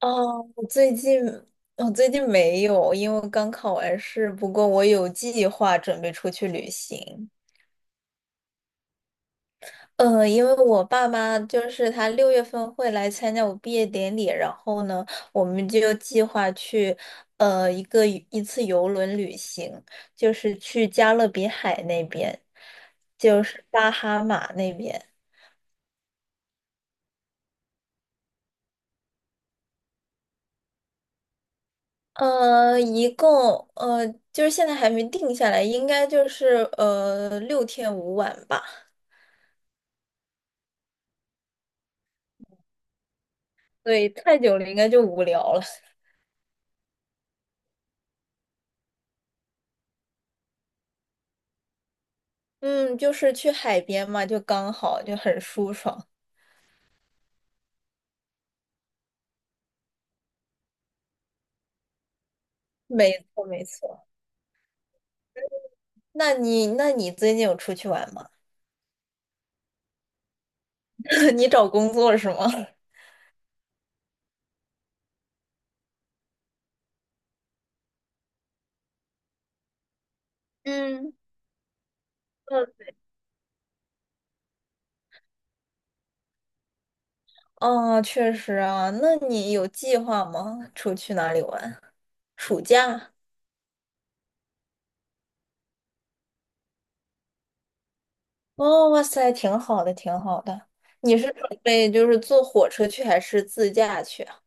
哦，我最近我最近没有，因为刚考完试。不过我有计划准备出去旅行。因为我爸妈就是他六月份会来参加我毕业典礼，然后呢，我们就计划去呃一个一次游轮旅行，就是去加勒比海那边，就是巴哈马那边。一共就是现在还没定下来，应该就是六天五晚吧。对，太久了应该就无聊了。嗯，就是去海边嘛，就刚好，就很舒爽。没错，没错。那你最近有出去玩吗？你找工作是吗？嗯。嗯。哦，确实啊。那你有计划吗？出去哪里玩？暑假？哦，哇塞，挺好的，挺好的。你是准备就是坐火车去，还是自驾去啊？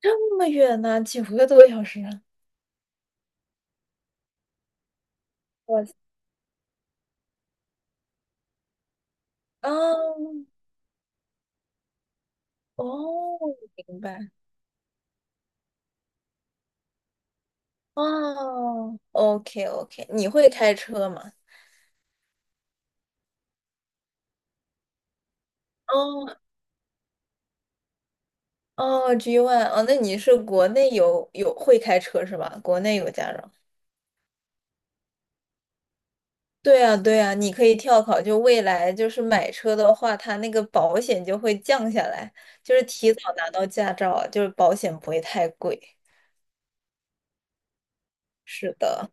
这么远呢、九个多小时啊。哇塞！啊。哦，明白。哦，OK OK，你会开车吗？哦。哦，G One，哦，那你是国内有会开车是吧？国内有驾照。对啊对啊，你可以跳考，就未来就是买车的话，它那个保险就会降下来，就是提早拿到驾照，就是保险不会太贵。是的。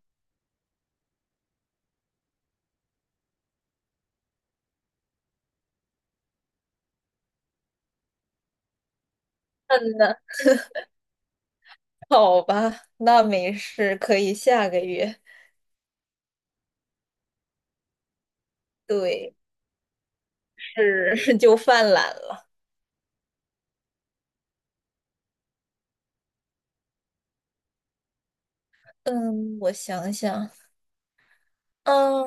嗯，那好吧，那没事，可以下个月。对。是 就犯懒了。嗯，我想想。嗯。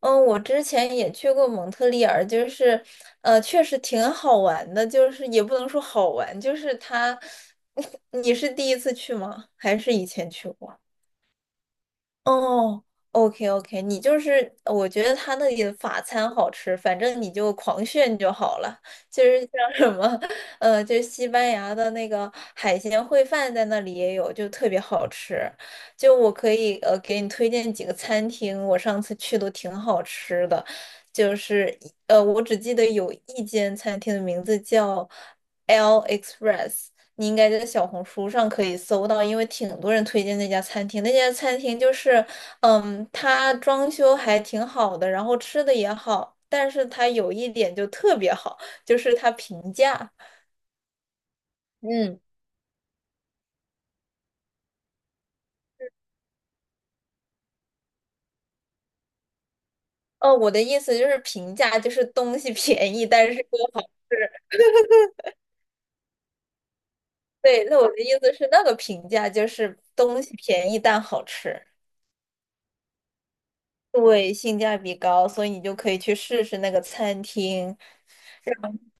嗯，我之前也去过蒙特利尔，就是，确实挺好玩的，就是也不能说好玩，就是它，你是第一次去吗？还是以前去过？哦，OK OK，你就是我觉得他那里的法餐好吃，反正你就狂炫就好了。就是像什么，就是西班牙的那个海鲜烩饭在那里也有，就特别好吃。就我可以给你推荐几个餐厅，我上次去都挺好吃的。就是我只记得有一间餐厅的名字叫 L Express，你应该在小红书上可以搜到，因为挺多人推荐那家餐厅。那家餐厅就是，嗯，它装修还挺好的，然后吃的也好，但是它有一点就特别好，就是它平价。嗯。哦，我的意思就是平价，就是东西 便宜，但是又好吃。对，那我的意思是那个平价就是东西便宜但好吃。对，性价比高，所以你就可以去试试那个餐厅。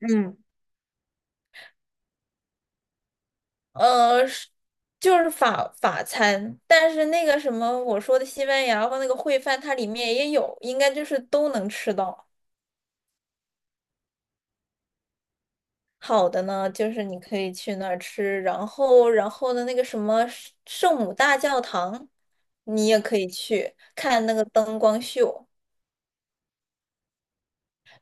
嗯。是就是法餐，但是那个什么我说的西班牙和那个烩饭，它里面也有，应该就是都能吃到。好的呢，就是你可以去那儿吃，然后的那个什么圣母大教堂，你也可以去看那个灯光秀。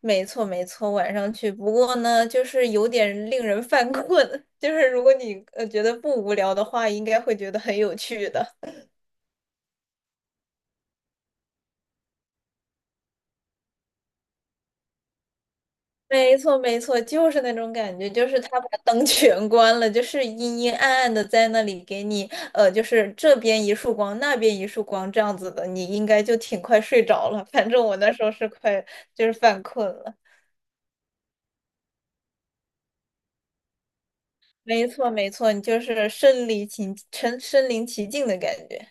没错没错，晚上去。不过呢，就是有点令人犯困，就是如果你觉得不无聊的话，应该会觉得很有趣的。没错，没错，就是那种感觉，就是他把灯 全关了，就是阴阴暗暗的在那里给你，就是这边一束光，那边一束光这样子的，你应该就挺快睡着了。反正我那时候是快，就是犯困了。没错，没错，你就是身临其境的感觉。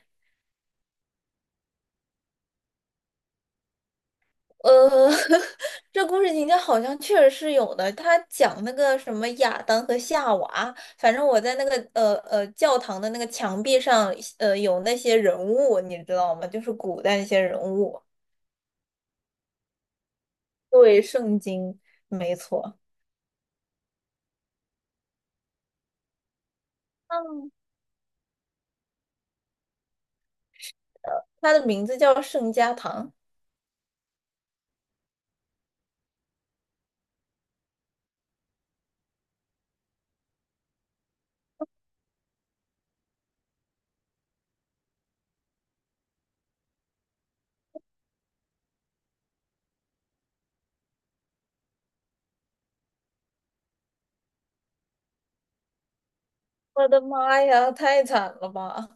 呃，这故事情节好像确实是有的。他讲那个什么亚当和夏娃，反正我在那个教堂的那个墙壁上，有那些人物，你知道吗？就是古代那些人物。对，圣经没错。嗯，他的名字叫圣家堂。我的妈呀，太惨了吧！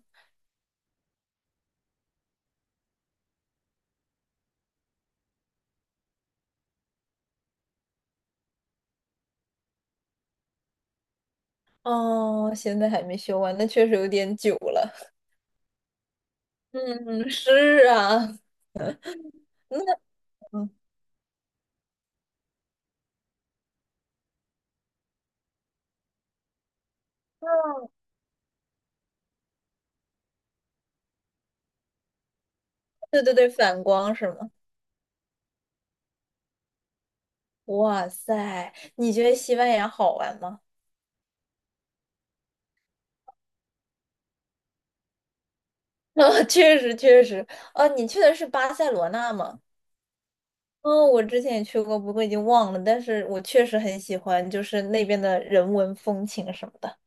哦，现在还没修完，那确实有点久了。嗯，是啊，那。嗯，对对对，反光是吗？哇塞，你觉得西班牙好玩吗？啊，确实确实，你去的是巴塞罗那吗？嗯，我之前也去过，不过已经忘了，但是我确实很喜欢，就是那边的人文风情什么的。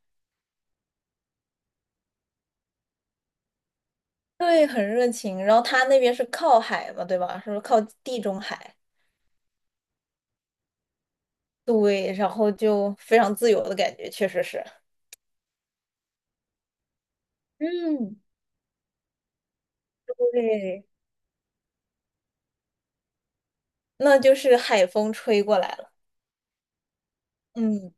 对，很热情。然后他那边是靠海嘛，对吧？是不是靠地中海？对，然后就非常自由的感觉，确实是。嗯，对，那就是海风吹过来了。嗯。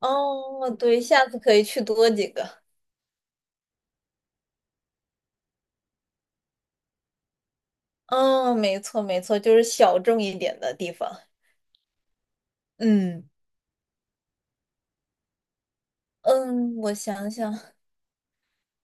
哦，对，下次可以去多几个。嗯，没错没错，就是小众一点的地方。嗯。嗯，我想想，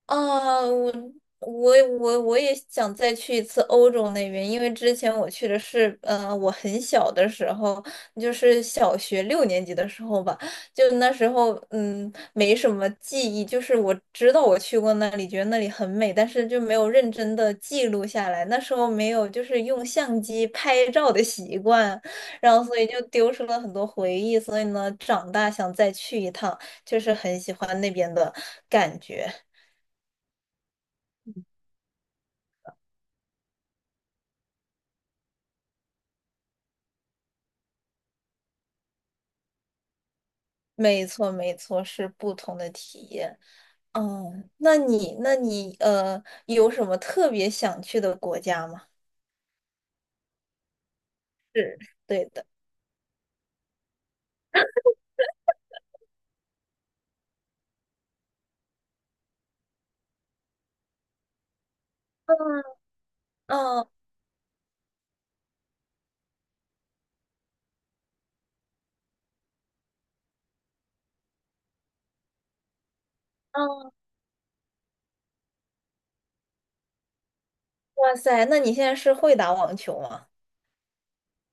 啊，我我也想再去一次欧洲那边，因为之前我去的是，我很小的时候，就是小学六年级的时候吧，就那时候，嗯，没什么记忆，就是我知道我去过那里，觉得那里很美，但是就没有认真的记录下来，那时候没有就是用相机拍照的习惯，然后所以就丢失了很多回忆，所以呢，长大想再去一趟，就是很喜欢那边的感觉。没错，没错，是不同的体验。嗯，那你,有什么特别想去的国家吗？对的。嗯。嗯。嗯。哇塞，那你现在是会打网球吗？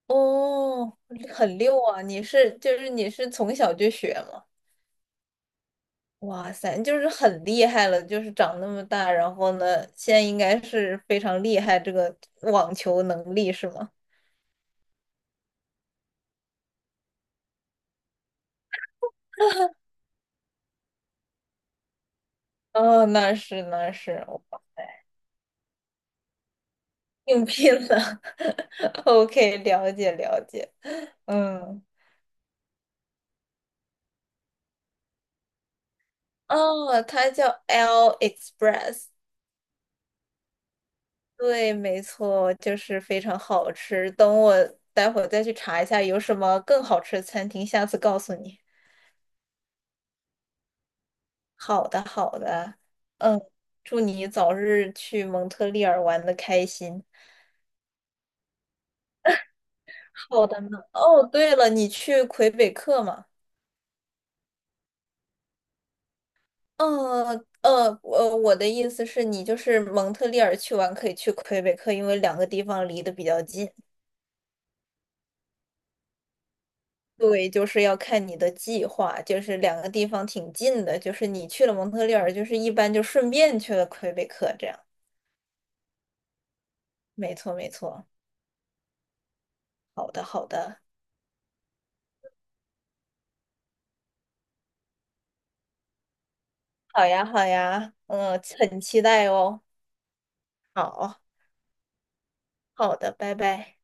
哦，很溜啊！你是从小就学吗？哇塞，就是很厉害了，就是长那么大，然后呢，现在应该是非常厉害这个网球能力是吗？哦，那是那是。哇塞，应聘了 ，OK，了解了解。嗯，哦，它叫 L Express。对，没错，就是非常好吃。等我待会儿再去查一下有什么更好吃的餐厅，下次告诉你。好的，好的。嗯，祝你早日去蒙特利尔玩的开心。好的呢。哦，对了，你去魁北克吗？嗯。我的意思是你就是蒙特利尔去玩可以去魁北克，因为两个地方离得比较近。对，就是要看你的计划，就是两个地方挺近的，就是你去了蒙特利尔，就是一般就顺便去了魁北克，这样。没错，没错。好的，好的。好呀，好呀，嗯，很期待哦。好。好的，拜拜。